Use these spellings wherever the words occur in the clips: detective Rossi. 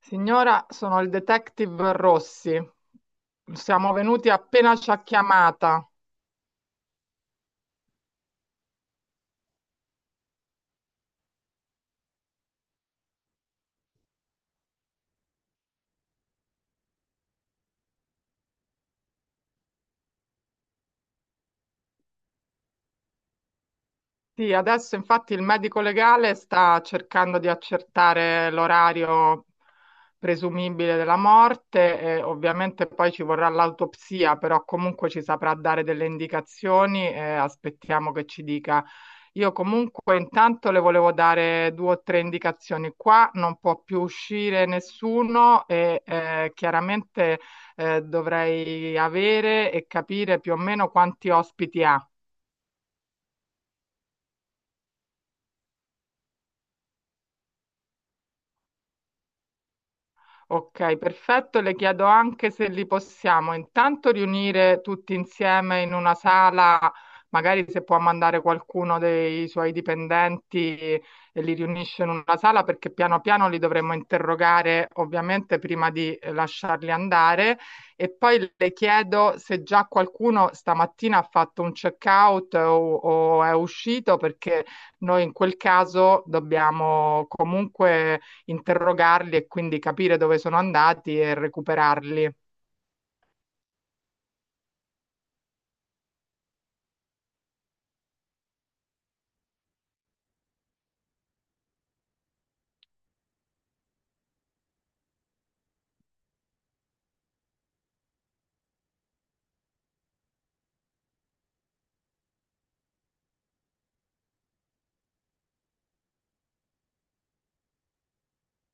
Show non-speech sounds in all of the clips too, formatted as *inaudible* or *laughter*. Signora, sono il detective Rossi. Siamo venuti appena ci ha chiamata. Sì, adesso infatti il medico legale sta cercando di accertare l'orario presumibile della morte e ovviamente poi ci vorrà l'autopsia, però comunque ci saprà dare delle indicazioni e aspettiamo che ci dica. Io comunque intanto le volevo dare due o tre indicazioni. Qua non può più uscire nessuno e chiaramente dovrei avere e capire più o meno quanti ospiti ha. Ok, perfetto. Le chiedo anche se li possiamo intanto riunire tutti insieme in una sala, magari se può mandare qualcuno dei suoi dipendenti e li riunisce in una sala, perché piano piano li dovremmo interrogare ovviamente prima di lasciarli andare. E poi le chiedo se già qualcuno stamattina ha fatto un check-out o è uscito, perché noi in quel caso dobbiamo comunque interrogarli e quindi capire dove sono andati e recuperarli.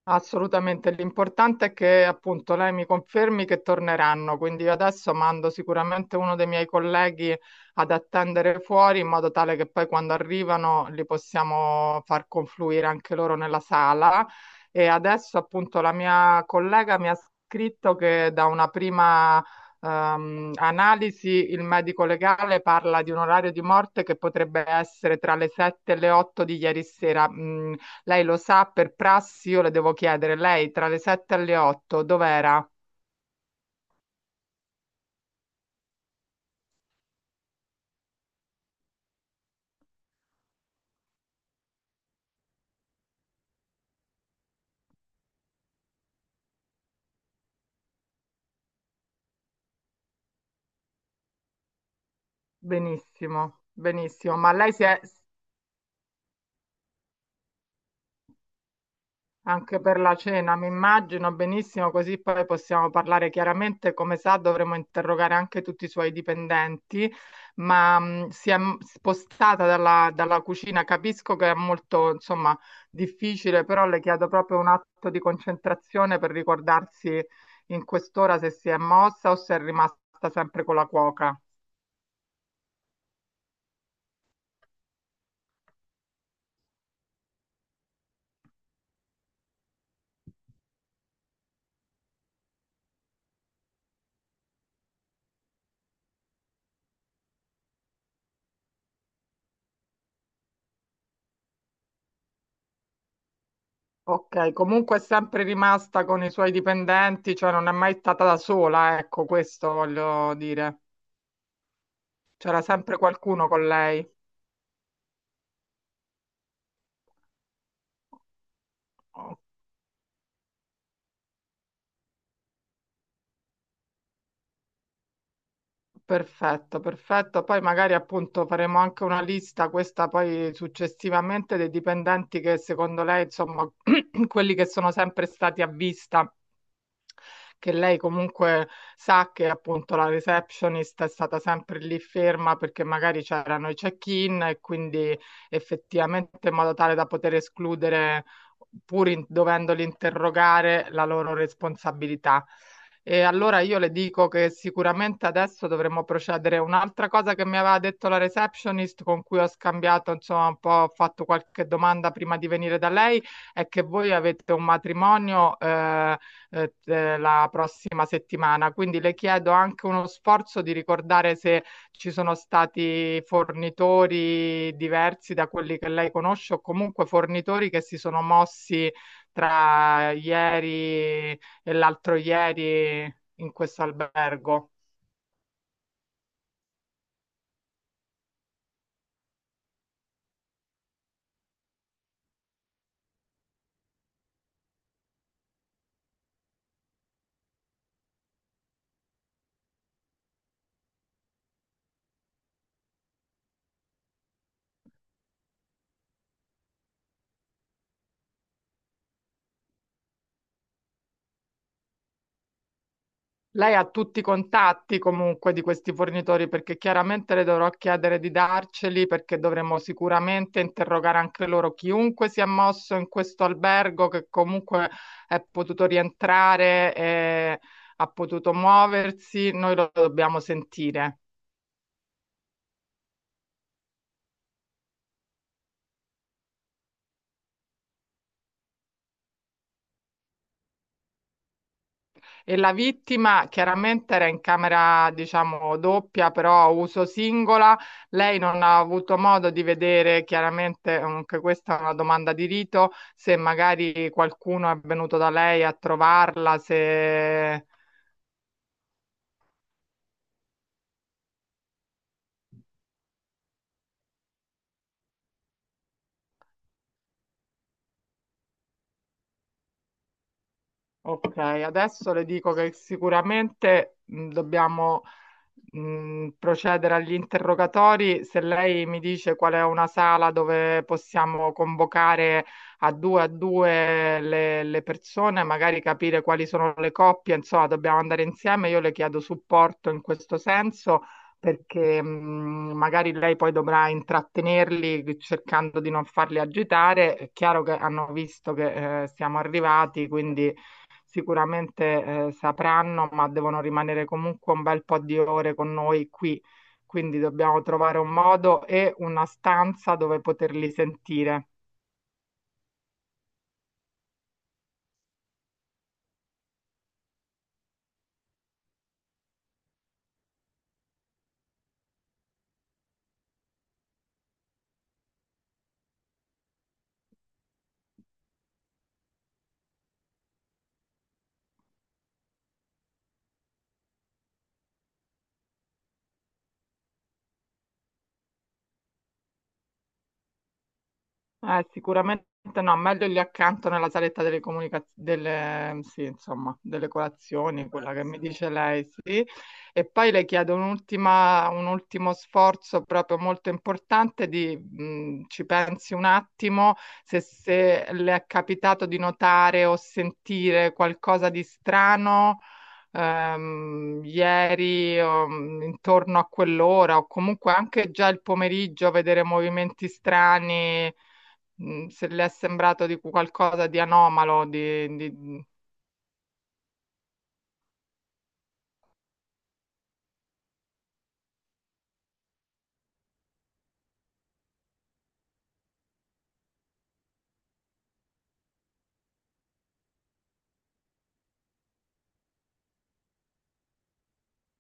Assolutamente, l'importante è che appunto lei mi confermi che torneranno, quindi io adesso mando sicuramente uno dei miei colleghi ad attendere fuori in modo tale che poi quando arrivano li possiamo far confluire anche loro nella sala e adesso appunto la mia collega mi ha scritto che da una prima analisi il medico legale parla di un orario di morte che potrebbe essere tra le 7 e le 8 di ieri sera. Mm, lei lo sa, per prassi io le devo chiedere, lei tra le 7 e le 8 dov'era? Benissimo, benissimo, ma lei si è anche per la cena, mi immagino benissimo, così poi possiamo parlare chiaramente, come sa dovremo interrogare anche tutti i suoi dipendenti, ma si è spostata dalla cucina, capisco che è molto, insomma, difficile, però le chiedo proprio un atto di concentrazione per ricordarsi in quest'ora se si è mossa o se è rimasta sempre con la cuoca. Ok, comunque è sempre rimasta con i suoi dipendenti, cioè non è mai stata da sola, ecco, questo voglio dire. C'era sempre qualcuno con lei. Oh, perfetto, perfetto. Poi magari appunto faremo anche una lista, questa poi successivamente, dei dipendenti che secondo lei, insomma, *clears throat* quelli che sono sempre stati a vista che lei comunque sa che appunto la receptionist è stata sempre lì ferma perché magari c'erano i check-in e quindi effettivamente in modo tale da poter escludere, pur dovendoli interrogare, la loro responsabilità. E allora io le dico che sicuramente adesso dovremmo procedere. Un'altra cosa che mi aveva detto la receptionist, con cui ho scambiato, insomma, un po', ho fatto qualche domanda prima di venire da lei, è che voi avete un matrimonio, la prossima settimana. Quindi le chiedo anche uno sforzo di ricordare se ci sono stati fornitori diversi da quelli che lei conosce o comunque fornitori che si sono mossi tra ieri e l'altro ieri in questo albergo. Lei ha tutti i contatti comunque di questi fornitori perché chiaramente le dovrò chiedere di darceli perché dovremo sicuramente interrogare anche loro chiunque si è mosso in questo albergo che comunque è potuto rientrare e ha potuto muoversi, noi lo dobbiamo sentire. E la vittima chiaramente era in camera, diciamo, doppia, però a uso singola. Lei non ha avuto modo di vedere, chiaramente, anche questa è una domanda di rito, se magari qualcuno è venuto da lei a trovarla, se... Ok, adesso le dico che sicuramente dobbiamo procedere agli interrogatori, se lei mi dice qual è una sala dove possiamo convocare a due le persone, magari capire quali sono le coppie, insomma, dobbiamo andare insieme. Io le chiedo supporto in questo senso perché magari lei poi dovrà intrattenerli cercando di non farli agitare. È chiaro che hanno visto che siamo arrivati, quindi sicuramente sapranno, ma devono rimanere comunque un bel po' di ore con noi qui. Quindi dobbiamo trovare un modo e una stanza dove poterli sentire. Sicuramente no, meglio lì accanto nella saletta delle comunicazioni, delle, mm, sì, insomma, delle colazioni, quella che mi Colazione. Dice lei, sì. E poi le chiedo un'ultima, un ultimo sforzo proprio molto importante ci pensi un attimo, se le è capitato di notare o sentire qualcosa di strano. Ieri intorno a quell'ora o comunque anche già il pomeriggio vedere movimenti strani, se le è sembrato qualcosa di anomalo,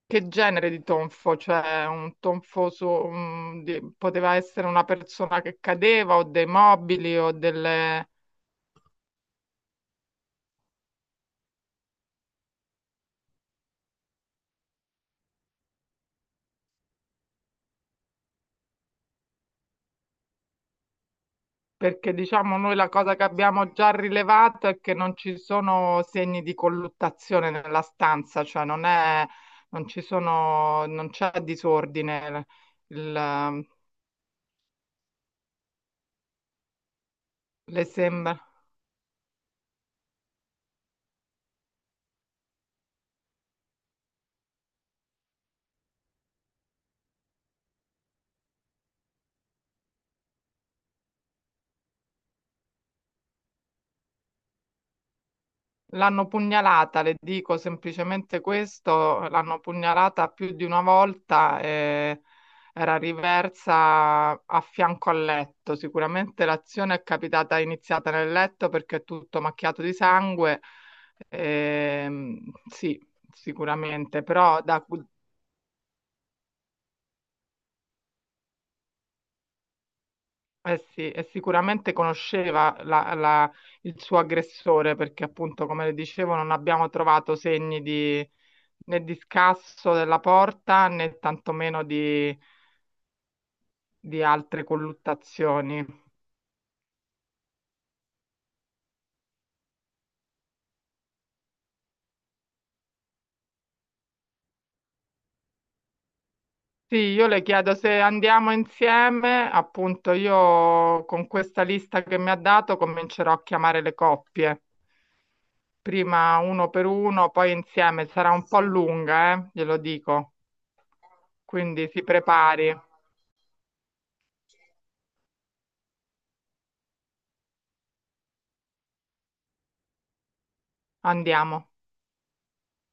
che genere di tonfo, cioè un tonfo poteva essere una persona che cadeva o dei mobili o delle... Perché diciamo noi la cosa che abbiamo già rilevato è che non ci sono segni di colluttazione nella stanza, cioè non è, non ci sono, non c'è disordine. Il, le sembra. L'hanno pugnalata, le dico semplicemente questo, l'hanno pugnalata più di una volta e era riversa a fianco al letto. Sicuramente l'azione è capitata, è iniziata nel letto perché è tutto macchiato di sangue. Ehm, sì, Sicuramente, però da, eh sì, e sicuramente conosceva il suo aggressore perché appunto, come le dicevo, non abbiamo trovato segni di, né di scasso della porta né tantomeno di altre colluttazioni. Sì, io le chiedo se andiamo insieme, appunto io con questa lista che mi ha dato comincerò a chiamare le coppie, prima uno per uno, poi insieme, sarà un po' lunga, glielo dico, quindi si prepari. Andiamo.